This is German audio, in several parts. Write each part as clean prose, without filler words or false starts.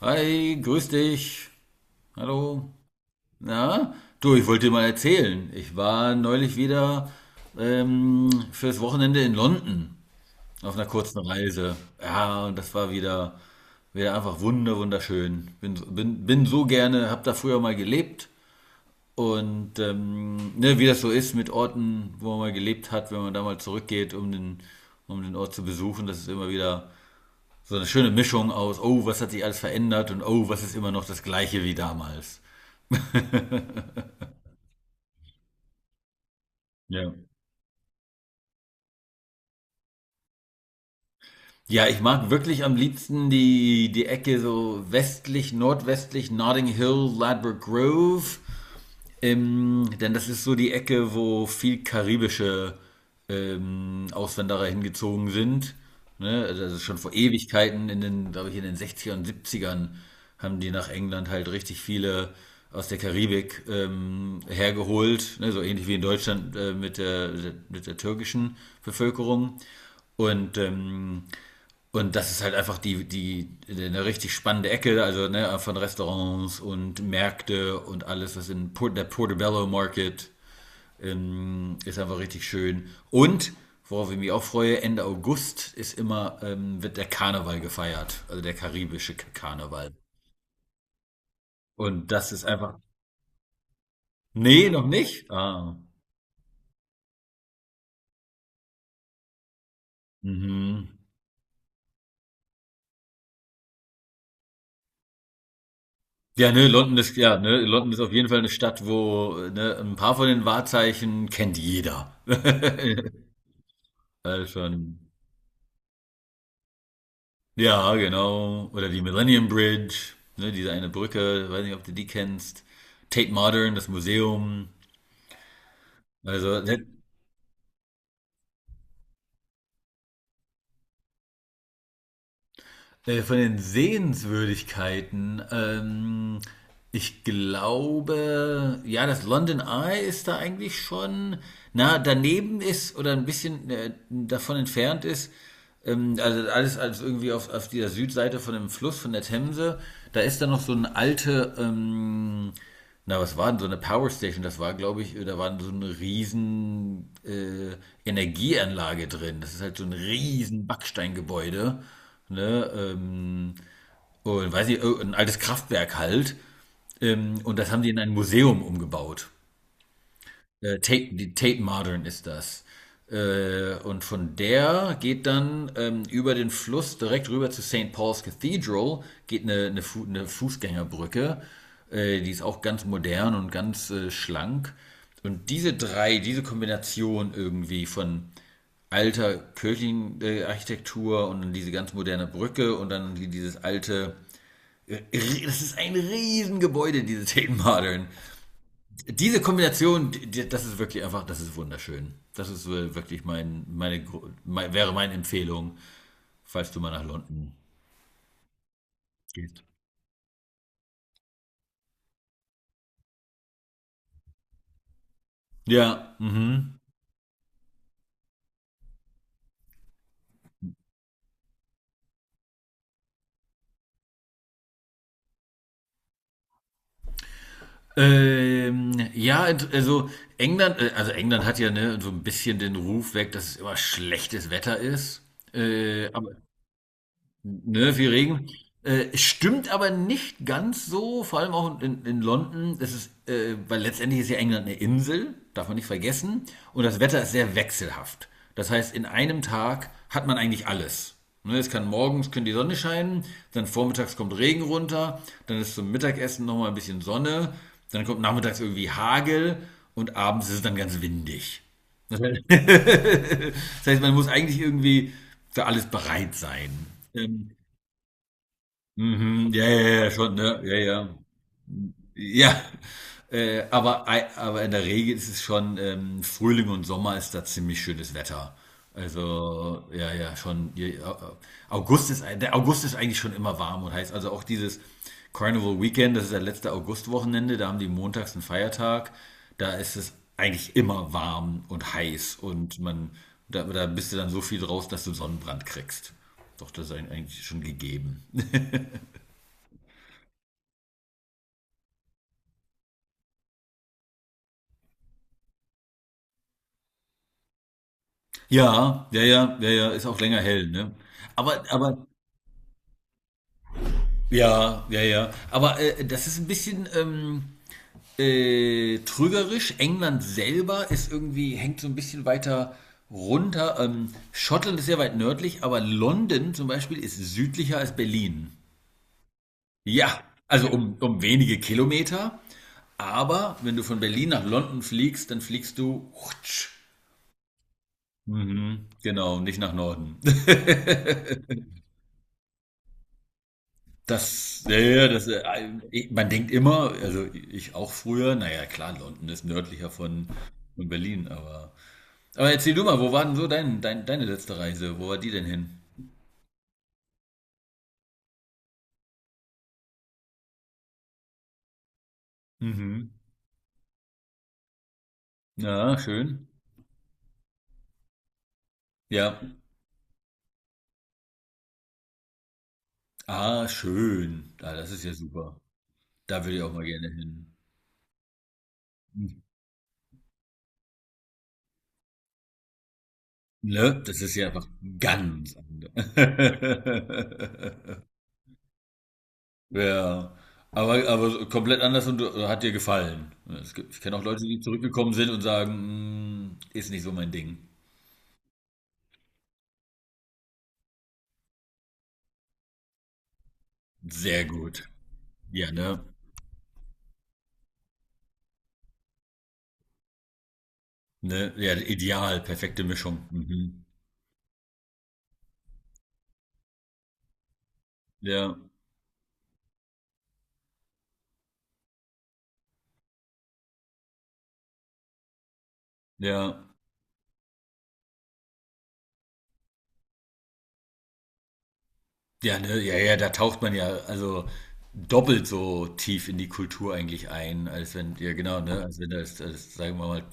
Hi, grüß dich. Hallo. Na? Du, ich wollte dir mal erzählen. Ich war neulich wieder fürs Wochenende in London auf einer kurzen Reise. Ja, und das war wieder einfach wunderschön. Bin so gerne, hab da früher mal gelebt. Und ne, wie das so ist mit Orten, wo man mal gelebt hat, wenn man da mal zurückgeht, um den Ort zu besuchen, das ist immer wieder so eine schöne Mischung aus, oh, was hat sich alles verändert und oh, was ist immer noch das Gleiche wie damals. Ja. Ja, ich mag wirklich am liebsten die Ecke so westlich, nordwestlich, Notting Hill, Ladbroke Grove. Denn das ist so die Ecke, wo viel karibische Auswanderer hingezogen sind. Ne? Also das ist schon vor Ewigkeiten, in den, glaube ich, in den 60ern und 70ern haben die nach England halt richtig viele aus der Karibik hergeholt, ne? So ähnlich wie in Deutschland mit der türkischen Bevölkerung. Und ähm, und das ist halt einfach eine richtig spannende Ecke, also ne, von Restaurants und Märkte und alles, der Portobello Market ist einfach richtig schön. Und, worauf ich mich auch freue, Ende August wird der Karneval gefeiert, also der karibische Karneval. Und das ist einfach. Nee, noch nicht? Ah, mhm. Ja, ne, London ist auf jeden Fall eine Stadt, wo, ne, ein paar von den Wahrzeichen kennt jeder. All schon. Ja, genau. Oder die Millennium Bridge, ne, diese eine Brücke, weiß nicht, ob du die kennst. Tate Modern, das Museum. Also, ne. Von den Sehenswürdigkeiten, ich glaube, ja, das London Eye ist da eigentlich schon, na, daneben ist oder ein bisschen davon entfernt ist. Also alles irgendwie auf dieser Südseite von dem Fluss, von der Themse. Da ist dann noch so eine alte, na, was war denn so eine Power Station? Das war, glaube ich, da war so eine riesen Energieanlage drin. Das ist halt so ein riesen Backsteingebäude, ne, und weiß ich, oh, ein altes Kraftwerk halt. Und das haben die in ein Museum umgebaut. Die Tate Modern ist das. Und von der geht dann über den Fluss direkt rüber zu St. Paul's Cathedral, geht eine Fußgängerbrücke. Die ist auch ganz modern und ganz schlank. Und diese Kombination irgendwie von alter kirchlichen Architektur und dann diese ganz moderne Brücke und dann dieses alte. äh, Das ist ein Riesengebäude, diese Tate Modern. Diese Kombination, das ist wirklich einfach, das ist wunderschön. Das ist wirklich wäre meine Empfehlung, falls du mal nach London gehst. Ja, mhm. Ja, also also England hat ja ne, so ein bisschen den Ruf weg, dass es immer schlechtes Wetter ist. Aber ne, viel Regen. Stimmt aber nicht ganz so, vor allem auch in London. Weil letztendlich ist ja England eine Insel, darf man nicht vergessen. Und das Wetter ist sehr wechselhaft. Das heißt, in einem Tag hat man eigentlich alles. Ne, es kann morgens können die Sonne scheinen, dann vormittags kommt Regen runter, dann ist zum Mittagessen nochmal ein bisschen Sonne, dann kommt nachmittags irgendwie Hagel und abends ist es dann ganz windig. Das heißt, man muss eigentlich irgendwie für alles bereit sein. Ähm, mhm, ja, ja, ja, schon, ne? Ja, ja. Ja, aber in der Regel ist es schon, Frühling und Sommer ist da ziemlich schönes Wetter. Also, ja, ja, schon. Ja, ja. Der August ist eigentlich schon immer warm und heiß. Also auch dieses Carnival Weekend, das ist das letzte Augustwochenende, da haben die montags einen Feiertag. Da ist es eigentlich immer warm und heiß und da bist du dann so viel draus, dass du Sonnenbrand kriegst. Doch, das ist eigentlich schon gegeben. Ja, ja, ja, ja, ja, ist auch länger hell, ne? Aber, aber, ja, ja, ja. Aber das ist ein bisschen trügerisch. England selber ist irgendwie, hängt so ein bisschen weiter runter. Schottland ist sehr weit nördlich, aber London zum Beispiel ist südlicher als Berlin. Ja, also um wenige Kilometer. Aber wenn du von Berlin nach London fliegst, dann fliegst du. Hutsch. Mhm, genau, nicht nach Norden. Das, ja, ja, ja, man denkt immer, also ich auch früher, naja, klar, London ist nördlicher von Berlin, aber. Aber erzähl du mal, wo war denn so deine letzte Reise? Wo war die denn hin? Mhm. Ja, schön. Ja. Ah, schön. Ah, das ist ja super. Da würde ich auch mal gerne hin. Hm, ne? Das ist ja einfach ganz anders. Ja. Aber komplett anders und hat dir gefallen. Es gibt, ich kenne auch Leute, die zurückgekommen sind und sagen, "Mm, ist nicht so mein Ding. Sehr gut. Ja, ne? Ne? Ja, ideal, perfekte Mischung. Mhm. Ja, ja. Ja, ne? Ja, ja, da taucht man ja also doppelt so tief in die Kultur eigentlich ein, als wenn, ja genau, ne? Als wenn das sagen wir mal,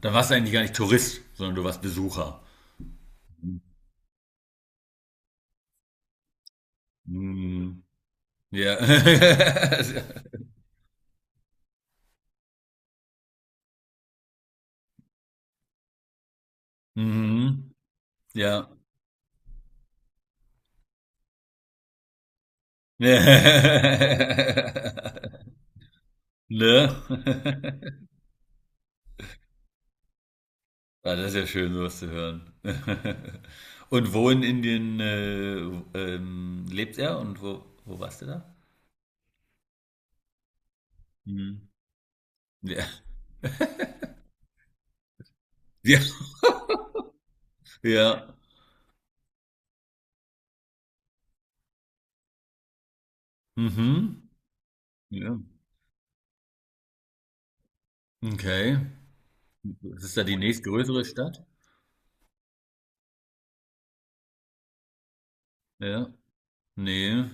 dann warst du eigentlich gar nicht Tourist, sondern du warst Besucher. Mhm. Ja. Mhm. Ja. Ne? Ah, das ist ja schön, sowas zu hören. Und wo in Indien, lebt er und wo warst du da? Mhm. Ja. Ja, ja. Mhm. Ja. Okay. Was ist da die nächstgrößere Stadt? Ja. Ne.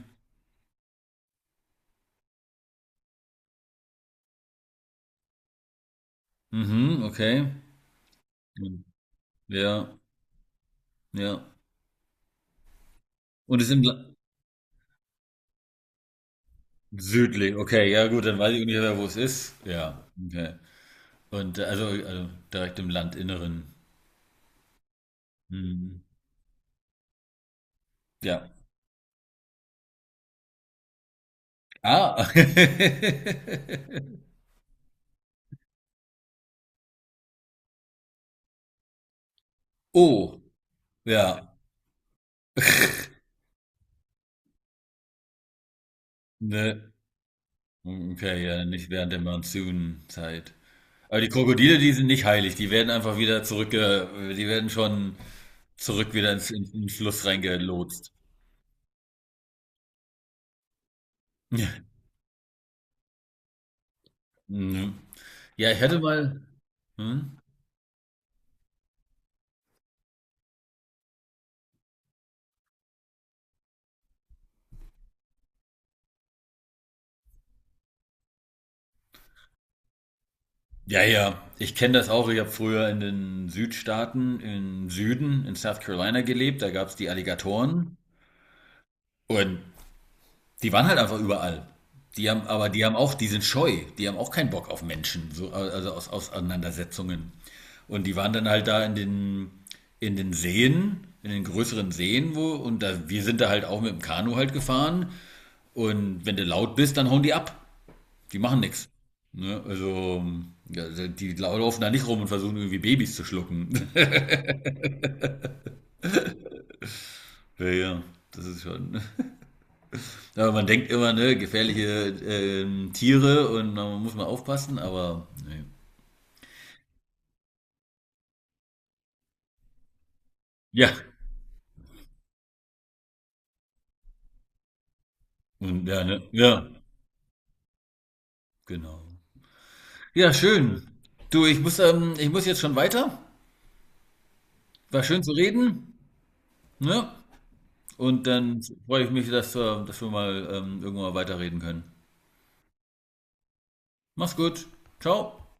Mhm, okay. Mhm. Ja, ja. Und es ist im La südlich. Okay, ja gut, dann weiß ich ungefähr, wo es ist. Ja, okay. Und also direkt im Landinneren. Mhm. Ja. Ah. Oh, ja. Ne. Okay, ja, nicht während der Monsunzeit. Aber die Krokodile, die sind nicht heilig. Die werden schon zurück wieder in den Fluss reingelotst. Mhm. Ja, ich hatte mal. Hm? Ja, ja, ich kenne das auch. Ich habe früher in den Südstaaten, im Süden, in South Carolina gelebt. Da gab es die Alligatoren. Und die waren halt einfach überall. Aber die haben auch, die sind scheu, die haben auch keinen Bock auf Menschen, so, also aus Auseinandersetzungen. Und die waren dann halt da in den Seen, in den größeren Seen, wir sind da halt auch mit dem Kanu halt gefahren. Und wenn du laut bist, dann hauen die ab. Die machen nichts. Ne? Also, ja, die laufen da nicht rum und versuchen irgendwie Babys zu schlucken. Ja, ja, das ist schon. Ja, man denkt immer, ne, gefährliche Tiere und man muss mal aufpassen, aber nee. Ja, und ja, ne? Ja, genau. Ja, schön. Du, ich muss jetzt schon weiter. War schön zu reden, ne? Und dann freue ich mich, dass wir mal irgendwann mal weiterreden können. Mach's gut. Ciao.